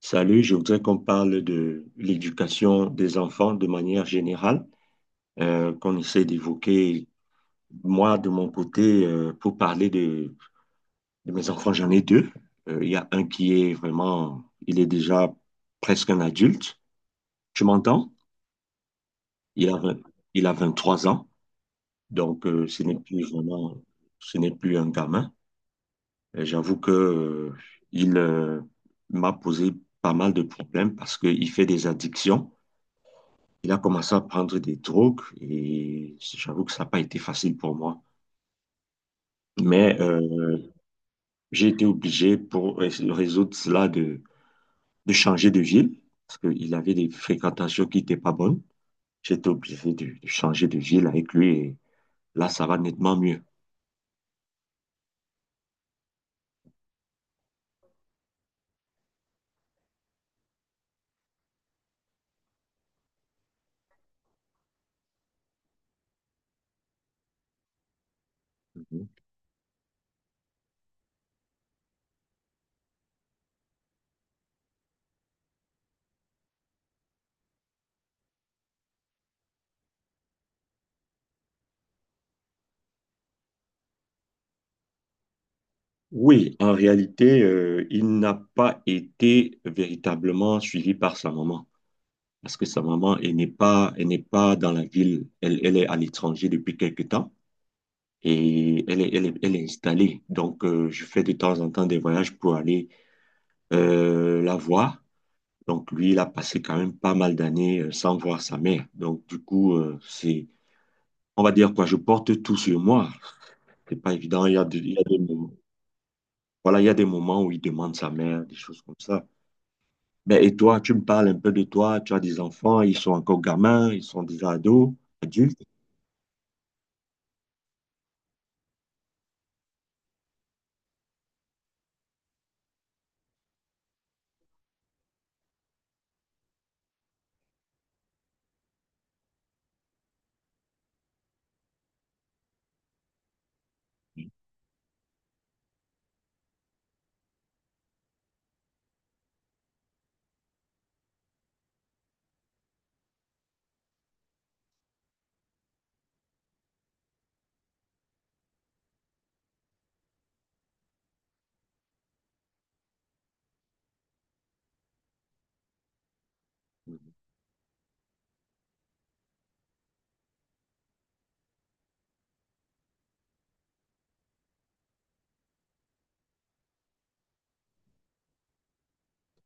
Salut, je voudrais qu'on parle de l'éducation des enfants de manière générale, qu'on essaie d'évoquer. Moi, de mon côté, pour parler de mes enfants, j'en ai deux. Il y a un qui est vraiment, il est déjà presque un adulte. Tu m'entends? Il a, vingt- il a 23 ans, donc ce n'est plus vraiment, ce n'est plus un gamin. J'avoue que il m'a posé pas mal de problèmes parce qu'il fait des addictions. Il a commencé à prendre des drogues et j'avoue que ça n'a pas été facile pour moi. Mais j'ai été obligé pour résoudre cela de changer de ville parce qu'il avait des fréquentations qui n'étaient pas bonnes. J'étais obligé de changer de ville avec lui et là, ça va nettement mieux. Mhm. Oui, en réalité, il n'a pas été véritablement suivi par sa maman, parce que sa maman, elle n'est pas dans la ville, elle est à l'étranger depuis quelque temps, et elle est installée. Donc, je fais de temps en temps des voyages pour aller la voir. Donc, lui, il a passé quand même pas mal d'années sans voir sa mère. Donc, du coup, c'est, on va dire quoi, je porte tout sur moi. C'est pas évident. Il y a des moments, voilà, il y a des moments où il demande sa mère, des choses comme ça. Ben, et toi, tu me parles un peu de toi. Tu as des enfants, ils sont encore gamins, ils sont déjà ados, adultes.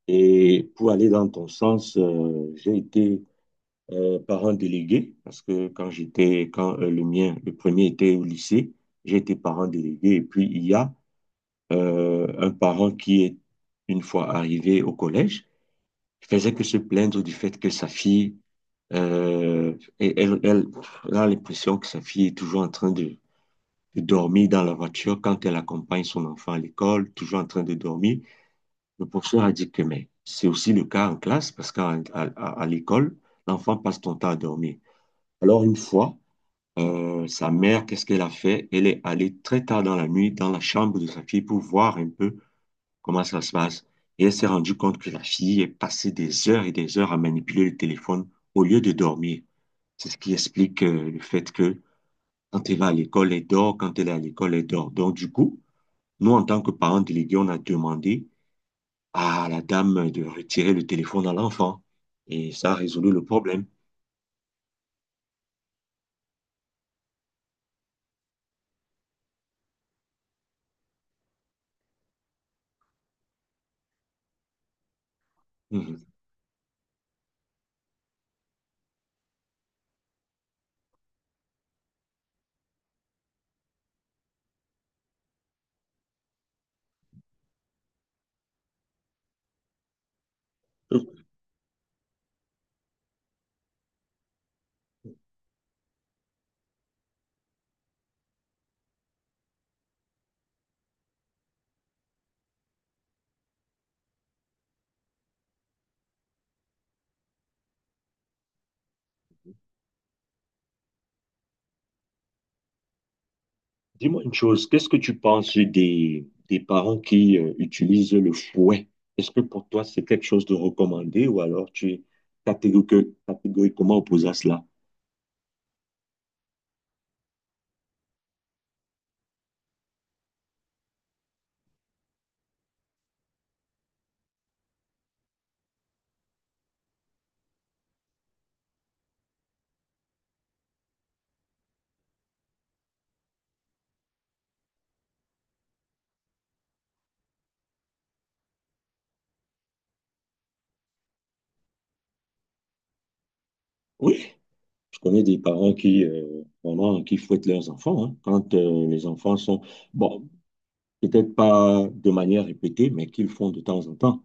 Et pour aller dans ton sens, j'ai été par un délégué, parce que quand le mien, le premier était au lycée, j'étais parent délégué. Et puis, il y a un parent une fois arrivé au collège, faisait que se plaindre du fait que sa fille, euh, elle, elle, elle a l'impression que sa fille est toujours en train de dormir dans la voiture quand elle accompagne son enfant à l'école, toujours en train de dormir. Le professeur a dit que, mais c'est aussi le cas en classe, parce à l'école, l'enfant passe son temps à dormir. Alors, une fois, sa mère, qu'est-ce qu'elle a fait? Elle est allée très tard dans la nuit dans la chambre de sa fille pour voir un peu comment ça se passe. Et elle s'est rendue compte que la fille est passée des heures et des heures à manipuler le téléphone au lieu de dormir. C'est ce qui explique le fait que quand elle va à l'école, elle dort. Quand elle est à l'école, elle dort. Donc, du coup, nous, en tant que parents délégués, on a demandé à la dame de retirer le téléphone à l'enfant. Et ça a résolu le problème. Mhm. Dis-moi une chose, qu'est-ce que tu penses des parents qui utilisent le fouet? Est-ce que pour toi c'est quelque chose de recommandé ou alors tu es catégoriquement opposé à cela? Oui, je connais des parents qui, vraiment, qui fouettent leurs enfants hein, quand les enfants sont, bon, peut-être pas de manière répétée, mais qu'ils font de temps en temps.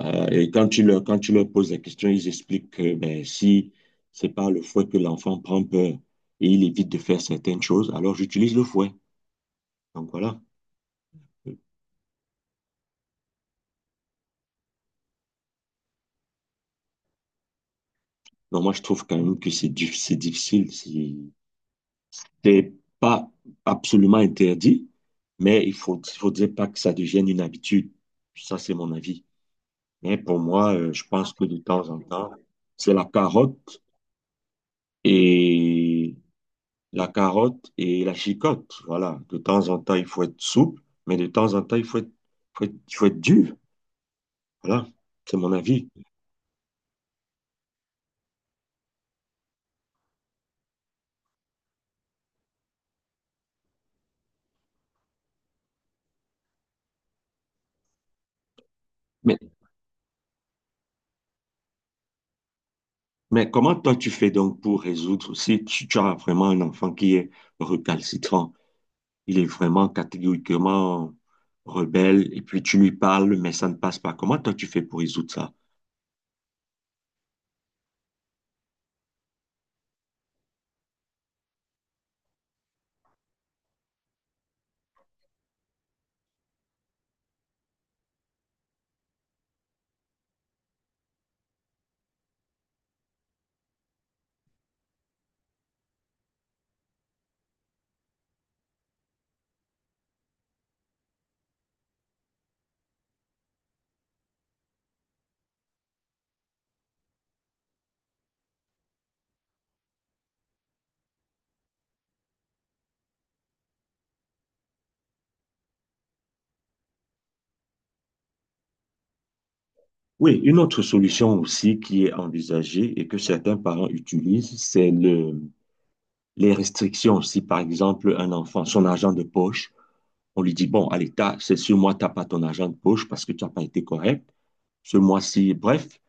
Et quand tu leur poses la question, ils expliquent que ben, si c'est par le fouet que l'enfant prend peur et il évite de faire certaines choses, alors j'utilise le fouet. Donc voilà. Donc moi, je trouve quand même que c'est c'est difficile. C'est pas absolument interdit, mais il faudrait pas que ça devienne une habitude. Ça, c'est mon avis. Mais pour moi, je pense que de temps en temps, c'est la carotte et la carotte et la chicotte. Voilà. De temps en temps, il faut être souple, mais de temps en temps, il faut être, faut être, faut être dur. Voilà. C'est mon avis. Mais, mais comment toi tu fais donc pour résoudre si tu, tu as vraiment un enfant qui est recalcitrant, il est vraiment catégoriquement rebelle et puis tu lui parles, mais ça ne passe pas. Comment toi tu fais pour résoudre ça? Oui, une autre solution aussi qui est envisagée et que certains parents utilisent, c'est les restrictions. Si par exemple un enfant, son argent de poche, on lui dit, bon, allez, t'as, c'est sur moi, t'as pas ton argent de poche parce que tu n'as pas été correct ce mois-ci. Bref,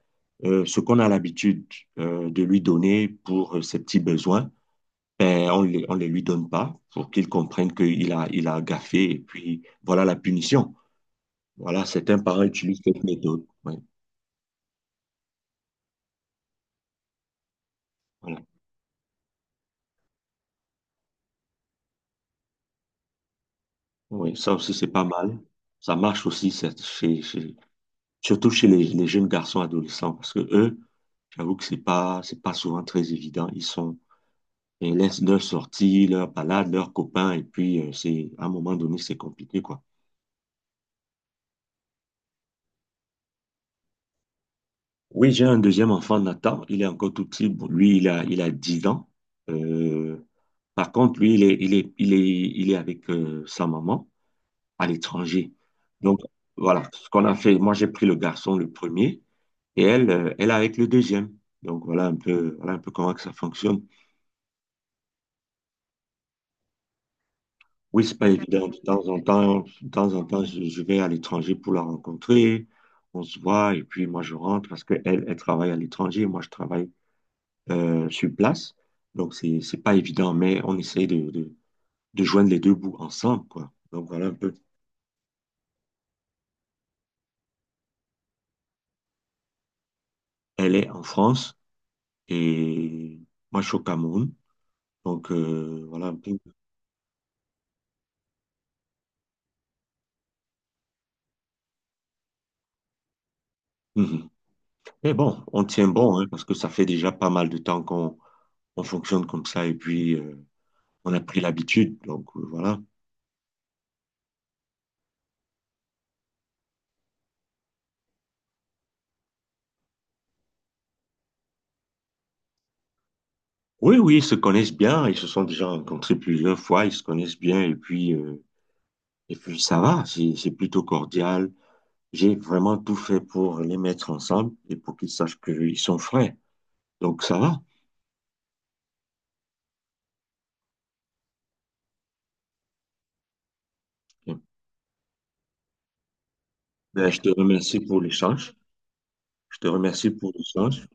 ce qu'on a l'habitude de lui donner pour ses petits besoins, ben, on les lui donne pas pour qu'il comprenne il a gaffé et puis voilà la punition. Voilà, certains parents utilisent cette méthode. Oui, voilà. Oui, ça aussi, c'est pas mal. Ça marche aussi surtout chez les jeunes garçons adolescents parce que eux, j'avoue que c'est pas souvent très évident. Ils sont, et laissent leurs sorties, leurs balades, leurs copains. Et puis, c'est, à un moment donné, c'est compliqué, quoi. Oui, j'ai un deuxième enfant, Nathan. Il est encore tout petit. Bon, lui, il a 10 ans. Euh, Par contre, lui, il est avec sa maman à l'étranger. Donc, voilà, ce qu'on a fait, moi, j'ai pris le garçon, le premier, et elle, elle est avec le deuxième. Donc, voilà un peu comment que ça fonctionne. Oui, c'est pas évident. De temps en temps, de temps en temps, je vais à l'étranger pour la rencontrer. On se voit et puis moi je rentre parce qu'elle, elle elle travaille à l'étranger, moi je travaille sur place. Donc c'est pas évident, mais on essaye de joindre les deux bouts ensemble, quoi. Donc voilà un peu. Elle est en France et moi je suis au Cameroun. Donc voilà un peu. Mhm. Mais bon, on tient bon, hein, parce que ça fait déjà pas mal de temps qu'on on fonctionne comme ça et puis on a pris l'habitude. Donc voilà. Oui, oui, ils se connaissent bien, ils se sont déjà rencontrés plusieurs fois, ils se connaissent bien et puis, et puis ça va, c'est plutôt cordial. J'ai vraiment tout fait pour les mettre ensemble et pour qu'ils sachent qu'ils sont frères. Donc ça va. Ben, je te remercie pour l'échange. Je te remercie pour l'échange.